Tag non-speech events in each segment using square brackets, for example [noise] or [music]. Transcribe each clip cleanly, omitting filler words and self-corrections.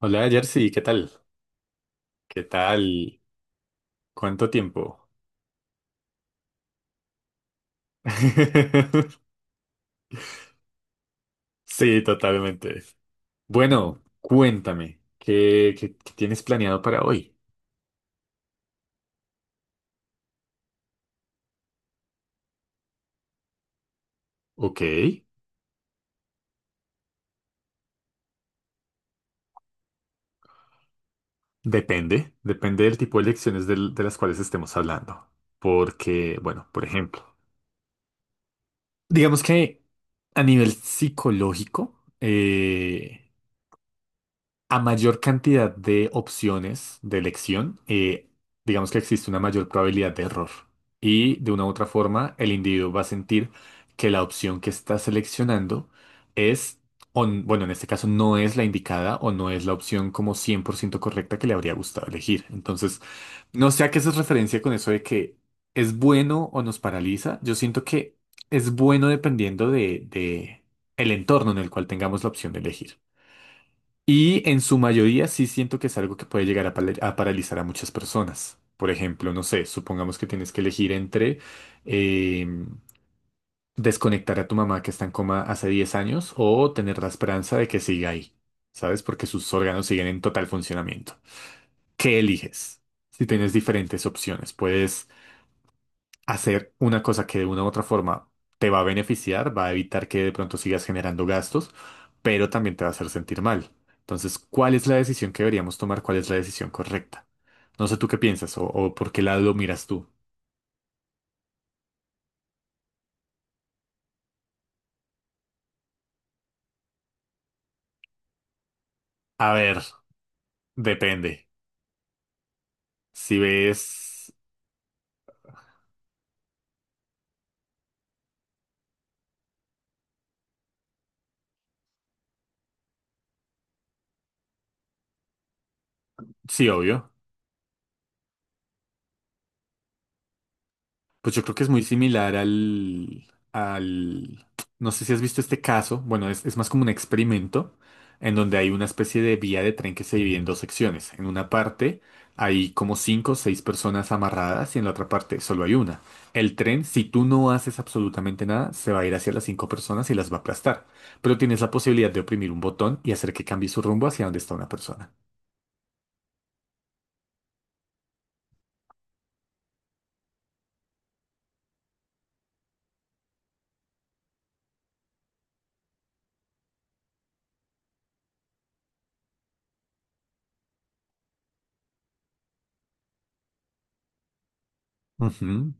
Hola Jersey, ¿qué tal? ¿Qué tal? ¿Cuánto tiempo? [laughs] Sí, totalmente. Bueno, cuéntame, ¿qué tienes planeado para hoy? Ok, depende, depende del tipo de lecciones de las cuales estemos hablando. Porque, bueno, por ejemplo, digamos que a nivel psicológico, a mayor cantidad de opciones de elección, digamos que existe una mayor probabilidad de error. Y de una u otra forma, el individuo va a sentir que la opción que está seleccionando es, o bueno, en este caso no es la indicada o no es la opción como 100% correcta que le habría gustado elegir. Entonces, no sé a qué haces referencia con eso de que es bueno o nos paraliza. Yo siento que es bueno dependiendo de el entorno en el cual tengamos la opción de elegir. Y en su mayoría sí siento que es algo que puede llegar a, a paralizar a muchas personas. Por ejemplo, no sé, supongamos que tienes que elegir entre eh, desconectar a tu mamá que está en coma hace 10 años o tener la esperanza de que siga ahí, ¿sabes? Porque sus órganos siguen en total funcionamiento. ¿Qué eliges? Si tienes diferentes opciones, puedes hacer una cosa que de una u otra forma te va a beneficiar, va a evitar que de pronto sigas generando gastos, pero también te va a hacer sentir mal. Entonces, ¿cuál es la decisión que deberíamos tomar? ¿Cuál es la decisión correcta? No sé tú qué piensas o por qué lado lo miras tú. A ver, depende. Si ves, sí, obvio. Pues yo creo que es muy similar al, no sé si has visto este caso, bueno, es más como un experimento en donde hay una especie de vía de tren que se divide en dos secciones. En una parte hay como cinco o seis personas amarradas y en la otra parte solo hay una. El tren, si tú no haces absolutamente nada, se va a ir hacia las cinco personas y las va a aplastar. Pero tienes la posibilidad de oprimir un botón y hacer que cambie su rumbo hacia donde está una persona. Ujú,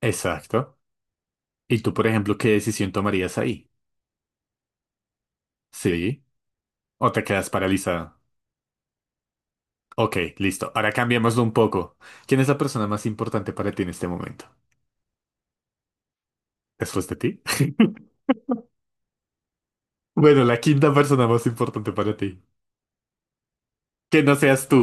exacto. ¿Y tú, por ejemplo, qué decisión tomarías ahí? Sí. O te quedas paralizada. Ok, listo. Ahora cambiémoslo un poco. ¿Quién es la persona más importante para ti en este momento? ¿Después de ti? [laughs] Bueno, la quinta persona más importante para ti. Que no seas tú.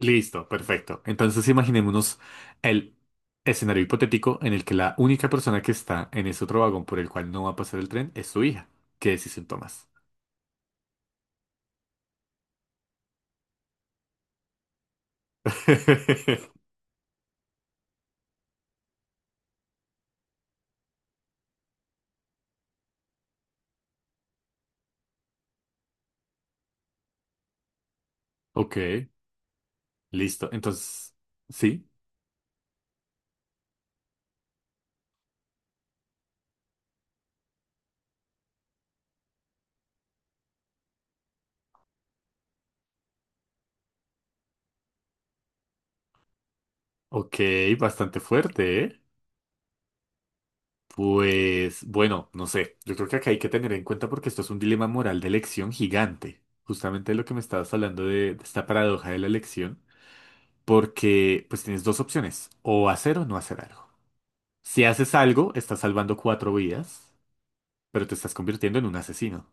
Listo, perfecto. Entonces imaginémonos el escenario hipotético en el que la única persona que está en ese otro vagón por el cual no va a pasar el tren es tu hija. ¿Qué decisión tomas? [laughs] Ok, listo. Entonces, sí. Ok, bastante fuerte, ¿eh? Pues bueno, no sé, yo creo que acá hay que tener en cuenta porque esto es un dilema moral de elección gigante, justamente lo que me estabas hablando de esta paradoja de la elección, porque pues tienes dos opciones, o hacer o no hacer algo. Si haces algo, estás salvando cuatro vidas, pero te estás convirtiendo en un asesino.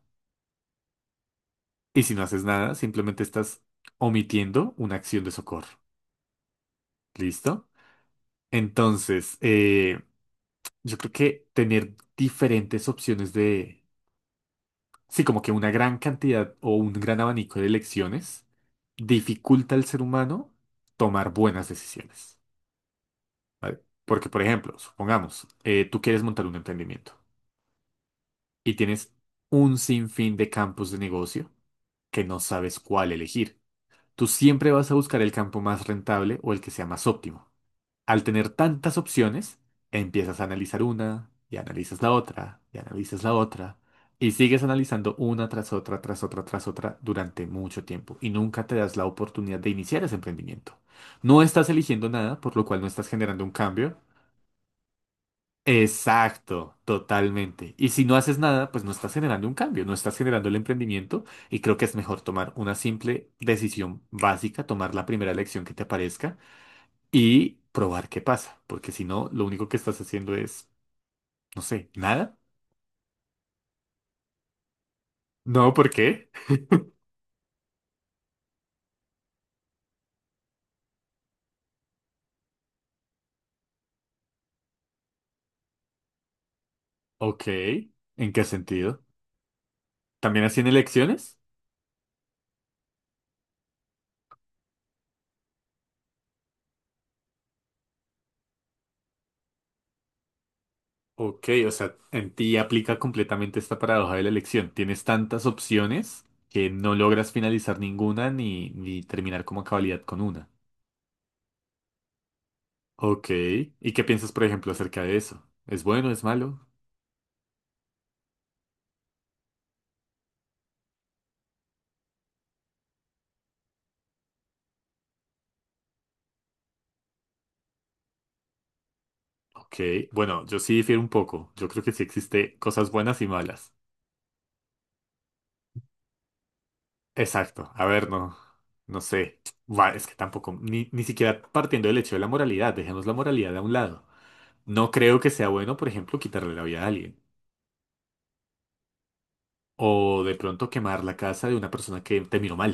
Y si no haces nada, simplemente estás omitiendo una acción de socorro. ¿Listo? Entonces, yo creo que tener diferentes opciones de sí, como que una gran cantidad o un gran abanico de elecciones dificulta al ser humano tomar buenas decisiones, ¿vale? Porque, por ejemplo, supongamos, tú quieres montar un emprendimiento y tienes un sinfín de campos de negocio que no sabes cuál elegir. Tú siempre vas a buscar el campo más rentable o el que sea más óptimo. Al tener tantas opciones, empiezas a analizar una y analizas la otra y analizas la otra y sigues analizando una tras otra, tras otra, tras otra durante mucho tiempo y nunca te das la oportunidad de iniciar ese emprendimiento. No estás eligiendo nada, por lo cual no estás generando un cambio. Exacto, totalmente. Y si no haces nada, pues no estás generando un cambio, no estás generando el emprendimiento y creo que es mejor tomar una simple decisión básica, tomar la primera elección que te aparezca y probar qué pasa, porque si no, lo único que estás haciendo es, no sé, nada. No, ¿por qué? Ok, ¿en qué sentido? ¿También hacían elecciones? Ok, o sea, en ti aplica completamente esta paradoja de la elección. Tienes tantas opciones que no logras finalizar ninguna ni terminar como a cabalidad con una. Ok, ¿y qué piensas, por ejemplo, acerca de eso? ¿Es bueno, es malo? Ok, bueno, yo sí difiero un poco. Yo creo que sí existe cosas buenas y malas. Exacto. A ver, no, no sé. Va, es que tampoco, ni siquiera partiendo del hecho de la moralidad, dejemos la moralidad a un lado. No creo que sea bueno, por ejemplo, quitarle la vida a alguien. O de pronto quemar la casa de una persona que te miró mal,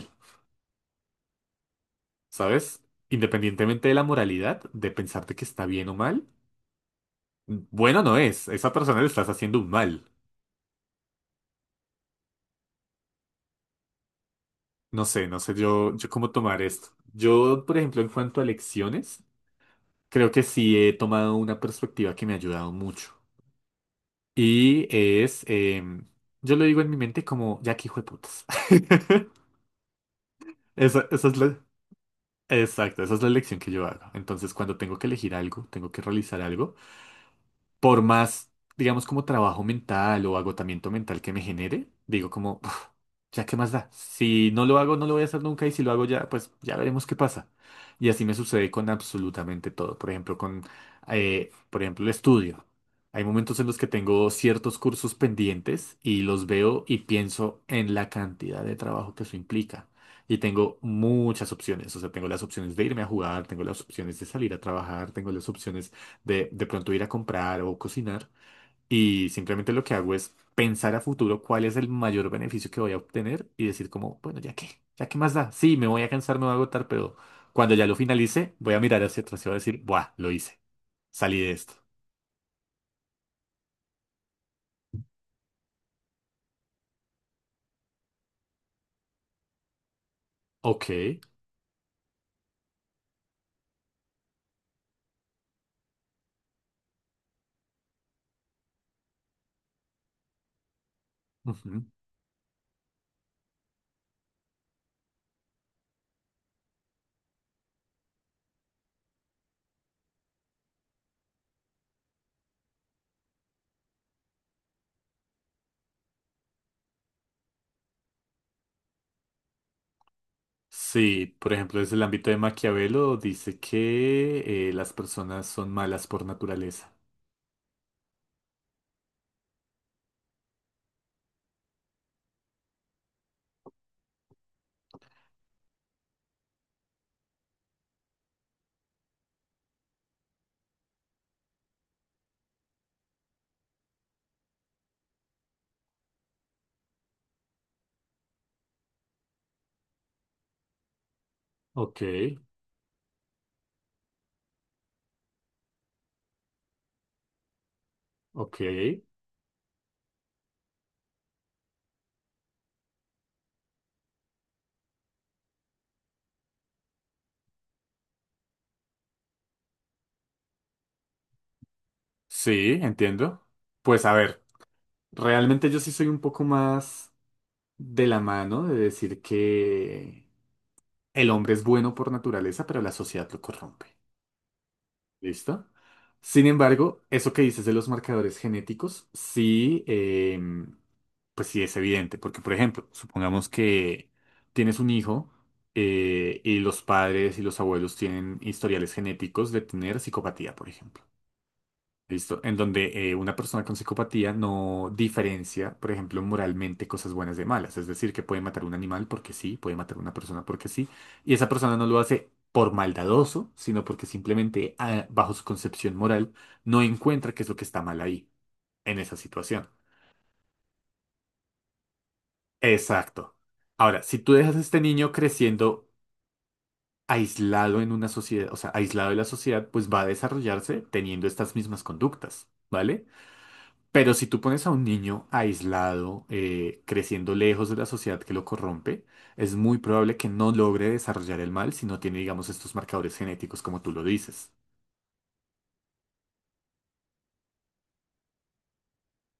¿sabes? Independientemente de la moralidad, de pensar de que está bien o mal, bueno no es. A esa persona le estás haciendo un mal. No sé, no sé yo cómo tomar esto. Yo, por ejemplo, en cuanto a lecciones, creo que sí he tomado una perspectiva que me ha ayudado mucho. Y es, yo lo digo en mi mente como, ya que hijo de putas. [laughs] Esa es la, exacto, esa es la elección que yo hago. Entonces, cuando tengo que elegir algo, tengo que realizar algo, por más, digamos, como trabajo mental o agotamiento mental que me genere, digo como, ya, ¿qué más da? Si no lo hago, no lo voy a hacer nunca y si lo hago ya, pues ya veremos qué pasa. Y así me sucede con absolutamente todo. Por ejemplo, con, por ejemplo, el estudio. Hay momentos en los que tengo ciertos cursos pendientes y los veo y pienso en la cantidad de trabajo que eso implica. Y tengo muchas opciones. O sea, tengo las opciones de irme a jugar, tengo las opciones de salir a trabajar, tengo las opciones de pronto ir a comprar o cocinar. Y simplemente lo que hago es pensar a futuro cuál es el mayor beneficio que voy a obtener y decir como, bueno, ya qué más da. Sí, me voy a cansar, me voy a agotar, pero cuando ya lo finalice, voy a mirar hacia atrás y voy a decir, buah, lo hice, salí de esto. Ok. Ujú. Sí, por ejemplo, desde el ámbito de Maquiavelo dice que las personas son malas por naturaleza. Ok, ok. Sí, entiendo. Pues a ver, realmente yo sí soy un poco más de la mano de decir que el hombre es bueno por naturaleza, pero la sociedad lo corrompe. ¿Listo? Sin embargo, eso que dices de los marcadores genéticos, sí, pues sí es evidente, porque por ejemplo, supongamos que tienes un hijo y los padres y los abuelos tienen historiales genéticos de tener psicopatía, por ejemplo. Listo. En donde una persona con psicopatía no diferencia, por ejemplo, moralmente cosas buenas de malas. Es decir, que puede matar a un animal porque sí, puede matar a una persona porque sí. Y esa persona no lo hace por maldadoso, sino porque simplemente, ah, bajo su concepción moral, no encuentra qué es lo que está mal ahí, en esa situación. Exacto. Ahora, si tú dejas a este niño creciendo aislado en una sociedad, o sea, aislado de la sociedad, pues va a desarrollarse teniendo estas mismas conductas, ¿vale? Pero si tú pones a un niño aislado, creciendo lejos de la sociedad que lo corrompe, es muy probable que no logre desarrollar el mal si no tiene, digamos, estos marcadores genéticos como tú lo dices.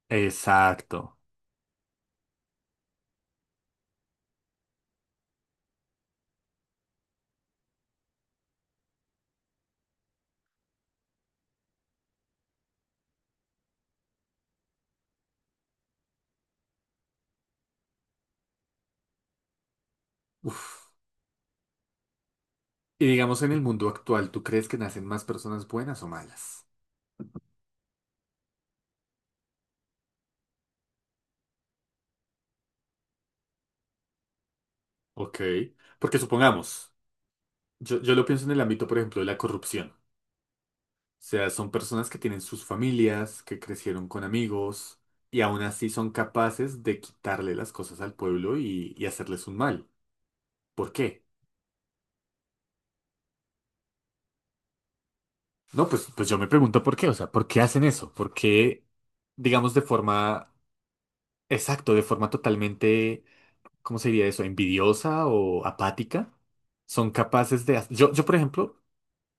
Exacto. Uf. Y digamos, en el mundo actual, ¿tú crees que nacen más personas buenas o malas? Ok. Porque supongamos, yo lo pienso en el ámbito, por ejemplo, de la corrupción. Sea, son personas que tienen sus familias, que crecieron con amigos y aún así son capaces de quitarle las cosas al pueblo y hacerles un mal. ¿Por qué? No, pues, pues yo me pregunto por qué, o sea, ¿por qué hacen eso? ¿Por qué, digamos, de forma, exacto, de forma totalmente, ¿cómo se diría eso? ¿Envidiosa o apática? Son capaces de... Yo, por ejemplo,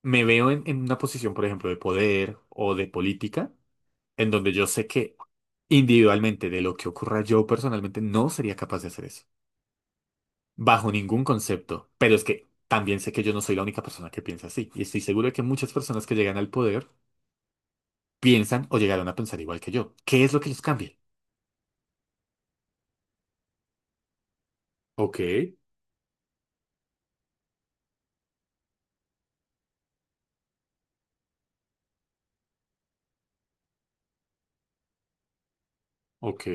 me veo en una posición, por ejemplo, de poder o de política. En donde yo sé que individualmente de lo que ocurra yo personalmente no sería capaz de hacer eso, bajo ningún concepto, pero es que también sé que yo no soy la única persona que piensa así y estoy seguro de que muchas personas que llegan al poder piensan o llegaron a pensar igual que yo. ¿Qué es lo que los cambia? Ok, ok,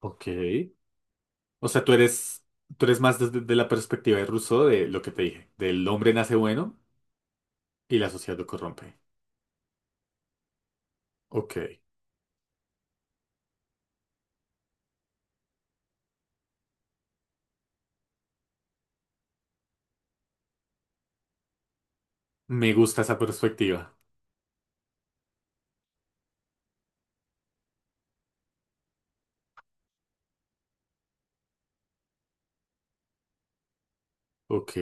ok. O sea, tú eres más desde de la perspectiva de Rousseau de lo que te dije, del hombre nace bueno y la sociedad lo corrompe. Ok, me gusta esa perspectiva. Ok,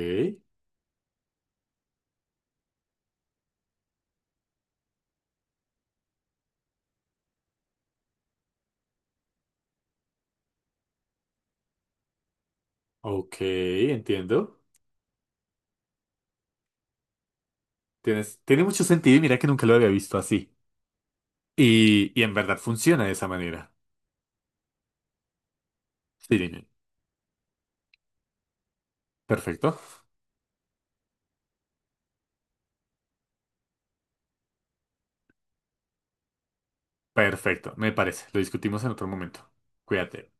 ok, entiendo. Tienes, tiene mucho sentido y mira que nunca lo había visto así. Y en verdad funciona de esa manera. Sí, dime. Perfecto. Perfecto, me parece. Lo discutimos en otro momento. Cuídate.